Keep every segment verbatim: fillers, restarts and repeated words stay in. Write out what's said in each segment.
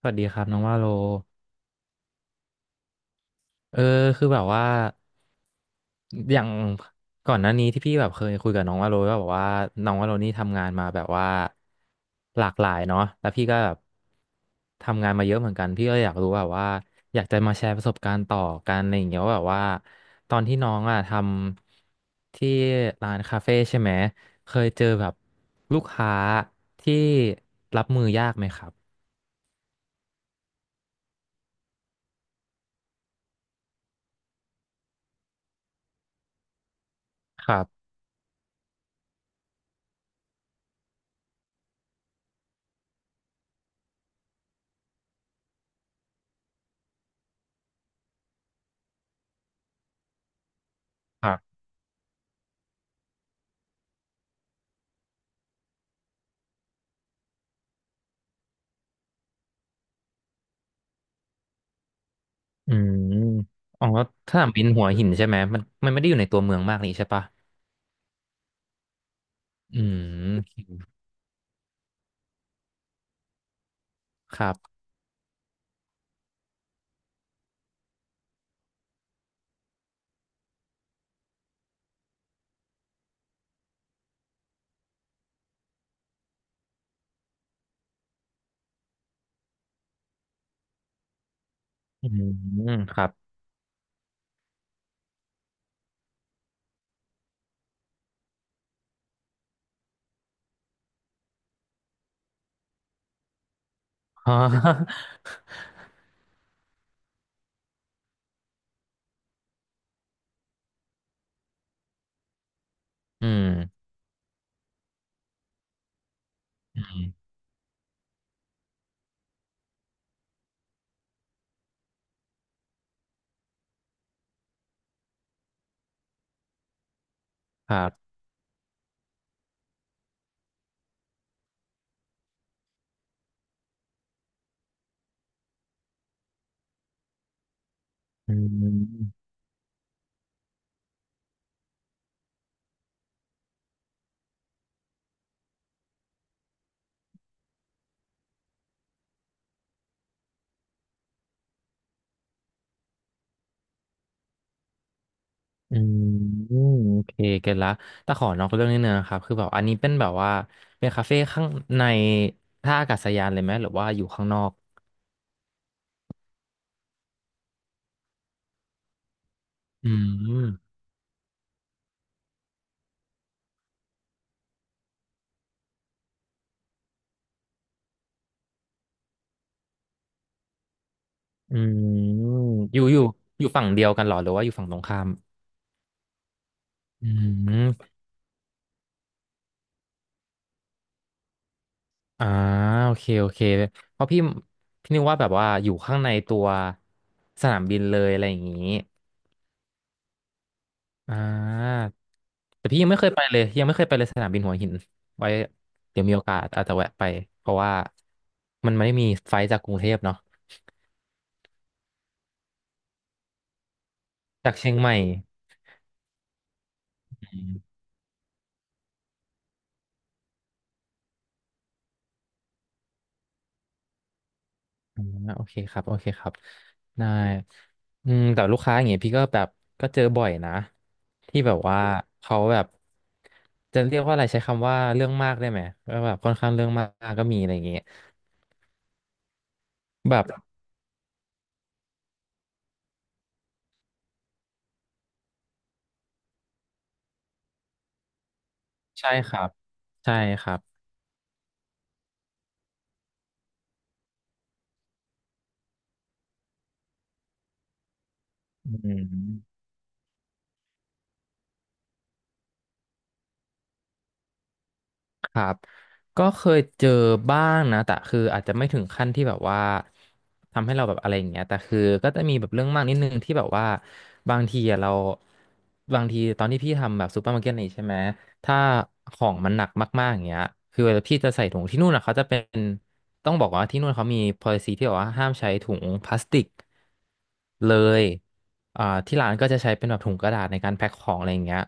สวัสดีครับน้องว่าโลเออคือแบบว่าอย่างก่อนหน้านี้ที่พี่แบบเคยคุยกับน้องว่าโลก็แบบว่าน้องว่าโลนี่ทำงานมาแบบว่าหลากหลายเนาะแล้วพี่ก็แบบทำงานมาเยอะเหมือนกันพี่ก็อยากรู้แบบว่าอยากจะมาแชร์ประสบการณ์ต่อกันอะไรอย่างเงี้ยว่าแบบว่าตอนที่น้องอ่ะทำที่ร้านคาเฟ่ใช่ไหมเคยเจอแบบลูกค้าที่รับมือยากไหมครับครับครับ อืมอ๋อถ้าเป็นหัวหินใช่ไหมมันมันไม่ได้อยู่ในตัวเมืองมากนี่ใช่ปะอืมครับอืมครับ อ๋ออืมอืมครับอืมอืมอืมโอเคเก็ตละแต่ขอนอกเรื่องนิดนึงนะครับคือแบบอันนี้เป็นแบบว่าเป็นคาเฟ่ข้างในท่าอากาศยานเลยไหมหรือว่าอยู่ข้างนอกอืมอืมอยู่อยู่อยู่ฝั่งเดียวกันเหรอหรือว่าอยู่ฝั่งตรงข้ามอืม อ่าโอเคโอเคเพราะพี่พี่นึกว่าแบบว่าอยู่ข้างในตัวสนามบินเลยอะไรอย่างนี้อ่าแต่พี่ยังไม่เคยไปเลยยังไม่เคยไปเลยสนามบินหัวหินไว้เดี๋ยวมีโอกาสอาจจะแวะไปเพราะว่ามันไม่มีไฟล์จากกรุงเทพเนาะจากเชียงใหม่ อ่าโอเคครับโอเคครับได้อืมแต่ลูกค้าอย่างเงี้ยพี่ก็แบบก็เจอบ่อยนะที่แบบว่าเขาแบบจะเรียกว่าอะไรใช้คำว่าเรื่องมากได้ไหมก็แบบค่อนข้างเรื่องมากก็มีอะไรอย่างเงี้ยแบบใช่ครับใช่ครับอืม ครับก็เคยเจอบ้างนะแต่คืออาจจะไม่ถึงขั้นที่แบบว่าทำให้เราแบบอะไรอย่างเงี้ยแต่คือก็จะมีแบบเรื่องมากนิดนึงที่แบบว่าบางทีอะเราบางทีตอนที่พี่ทำแบบซูเปอร์มาร์เก็ตนี่ใช่ไหมถ้าของมันหนักมากๆอย่างเงี้ยคือเวลาพี่จะใส่ถุงที่นู่นอะเขาจะเป็นต้องบอกว่าที่นู่นเขามี policy ที่บอกว่าห้ามใช้ถุงพลาสติกเลยอ่าที่ร้านก็จะใช้เป็นแบบถุงกระดาษในการแพ็คของอะไรอย่างเงี้ย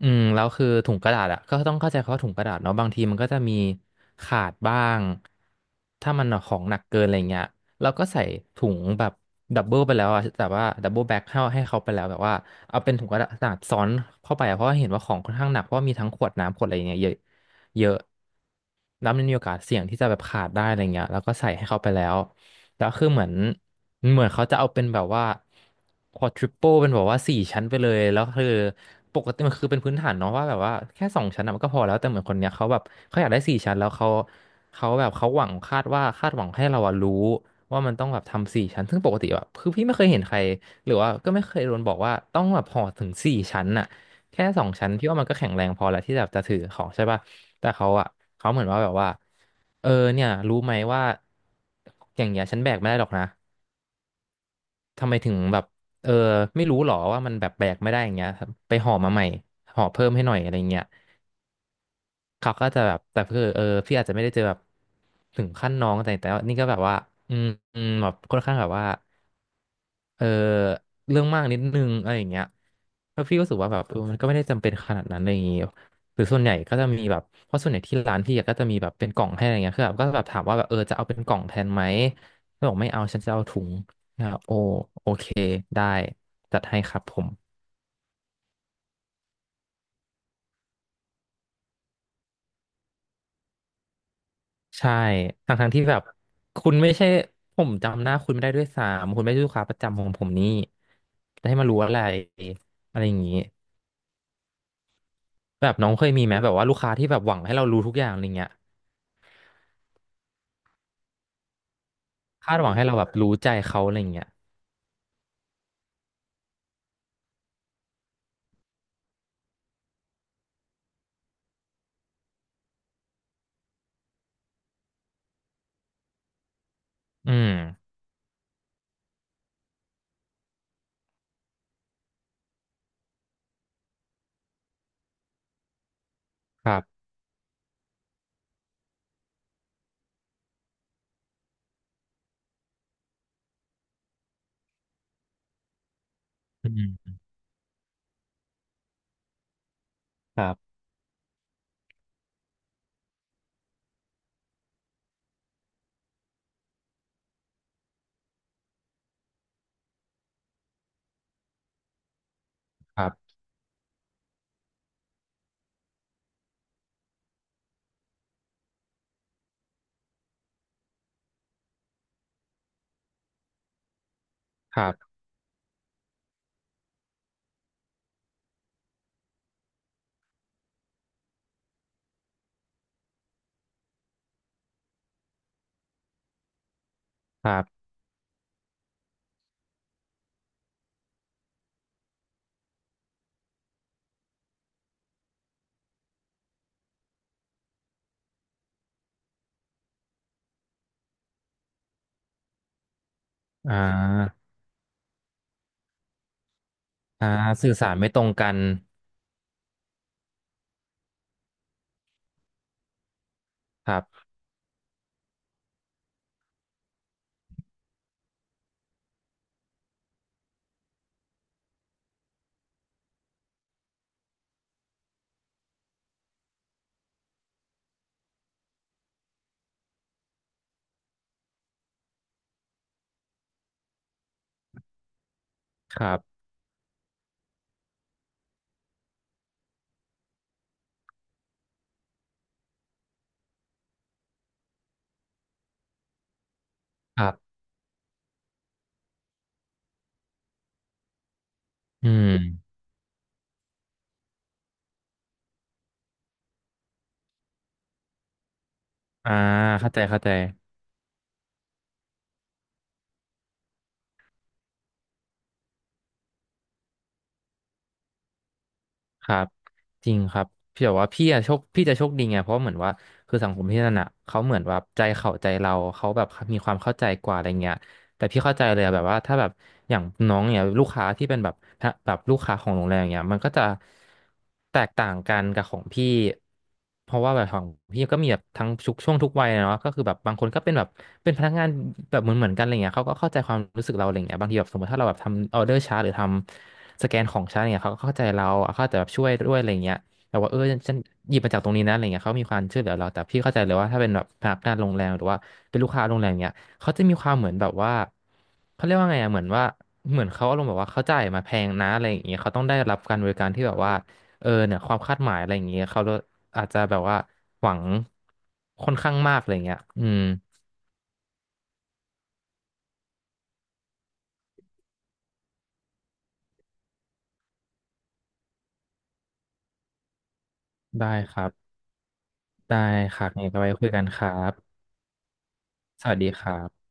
อืมแล้วคือถุงกระดาษอ่ะก็ต้องเข้าใจเขาว่าถุงกระดาษเนาะบางทีมันก็จะมีขาดบ้างถ้ามันของหนักเกินอะไรเงี้ยเราก็ใส่ถุงแบบดับเบิลไปแล้วอะแต่ว่าดับเบิลแบ็คให้ให้เขาไปแล้วแบบว่าเอาเป็นถุงกระดาษซ้อนเข้าไปอะเพราะว่าเห็นว่าของค่อนข้างหนักเพราะว่ามีทั้งขวดน้ำขวดอะไรงเงี้ยเยอะเยอะ แล้วมันมีโอกาสเสี่ยงที่จะแบบขาดได้อะไรเงี้ยแล้วก็ใส่ให้เขาไปแล้วแล้วคือเหมือนเหมือนเขาจะเอาเป็นแบบว่า quadruple เป็นแบบว่าสี่ชั้นไปเลยแล้วคือปกติมันคือเป็นพื้นฐานเนาะว่าแบบว่าแค่สองชั้นอะมันก็พอแล้วแต่เหมือนคนเนี้ยเขาแบบเขาอยากได้สี่ชั้นแล้วเขาเขาแบบเขาหวังคาดว่าคาดหวังให้เราอะรู้ว่ามันต้องแบบทำสี่ชั้นซึ่งปกติแบบคือพี่ไม่เคยเห็นใครหรือว่าก็ไม่เคยโดนบอกว่าต้องแบบห่อถึงสี่ชั้นอะ แค่สองชั้นพี่ว่ามันก็แข็งแรงพอแล้วที่แบบจะถือของใช่ป่ะแต่เขาอะเขาเหมือนว่าแบบว่าเออเนี่ยรู้ไหมว่าอย่างเงี้ยฉันแบกไม่ได้หรอกนะทำไมถึงแบบเออไม่รู้หรอว่ามันแบบแบกไม่ได้อย่างเงี้ยครับไปห่อมาใหม่ห่อเพิ่มให้หน่อยอะไรเงี้ยเขาก็จะแบบแต่คือเออพี่อาจจะไม่ได้เจอแบบถึงขั้นน้องแต่แต่ว่านี่ก็แบบว่าอืมอืมแบบค่อนข้างแบบว่า เออเรื่องมากนิดนึงอะไรอย่างเงี้ยแล้วพี่ก็รู้สึกว่าแบบเออมันก็ไม่ได้จำเป็นขนาดนั้นอะไรอย่างเงี้ยหรือส่วนใหญ่ก็จะมีแบบเพราะส่วนใหญ่ที่ร้านพี่อะก็จะมีแบบเป็นกล่องให้อะไรเงี้ยคือแบบก็แบบถามว่าแบบเออจะเอาเป็นกล่องแทนไหมก็บอกไม่เอาฉันจะเอาถุงนะครับโอโอเคได้จัดให้ครับผมใช่ทั้งทั้งที่แบบคุณไม่ใช่ผมจำหน้าคุณไม่ได้ด้วยซ้ำคุณไม่ใช่ลูกค้าประจำของผมนี่จะให้มารู้อะไรอะไรอย่างงี้แบบน้องเคยมีไหมแบบว่าลูกค้าที่แบบหวังให้เรารู้ทุกอย่างอะไรเงี้ย คาดหวังให้เราแบบรู้ใจเขาอะไรอย่างเงี้ย อืมครับอืมครับครับครับครับอ่าอ่าสื่อสารไม่ตรงกันครับครับครับอืมอ่าเข้าใจเข้าใจครับจริงครับพี่บอกว่าพี่อะโชคพี่จะโชคดีไง เพราะเหมือนว่าคือสังคมพี่นั่นอะเขาเหมือนว่าใจเขาใจเราเขาแบบมีความเข้าใจกว่าอะไรเงี้ย แต่พี่เข้าใจเลยอะแบบว่าถ้าแบบอย่างน้องเนี่ยลูกค้าที่เป็นแบบฮะแบบลูกค้าของโรงแรมเนี่ยมันก็จะแตกต่างกันกับของพี่เพราะว่าแบบของพี่ก็มีแบบทั้งทุกช่วงทุกวัยอะเนาะก็คือแบบบางคนก็เป็นแบบเป็นพนักงานแบบเหมือนเหมือนกันอะไรเงี้ยเขาก็เข้าใจความรู้สึกเราอะไรเงี้ยบางทีแบบสมมติถ้าเราแบบทำออเดอร์ช้าร์หรือทำสแกนของช้าร์ตเนี่ยเขาก็เข้าใจเราเขาอาจจะแบบช่วยด้วยอะไรเงี้ยแต่ว่าเออฉันหยิบมาจากตรงนี้นะอะไรเงี้ยเขามีความช่วยเหลือเราแต่พี่เข้าใจเลยว่าถ้าเป็นแบบพนักงานโรงแรมหรือว่าเป็นลูกค้าโรงแรมเนี้ย เขาจะมีความเหมือนแบบว่าเขาเรียกว่าไงอะเหมือนว่าเหมือนเขาอารมณ์แบบว่าเขาจ่ายมาแพงนะอะไรอย่างเงี้ยเขาต้องได้รับการบริการที่แบบว่าเออเนี่ยความคาดหมายอะไรอย่างเงี้ยเขาอาจจะแบบว่าหวังค่อนข้างมากอะไรอย่างเงี้ยอืมได้ครับได้ครับงั้นก็ไว้คุยกันครับสวัสดีครับ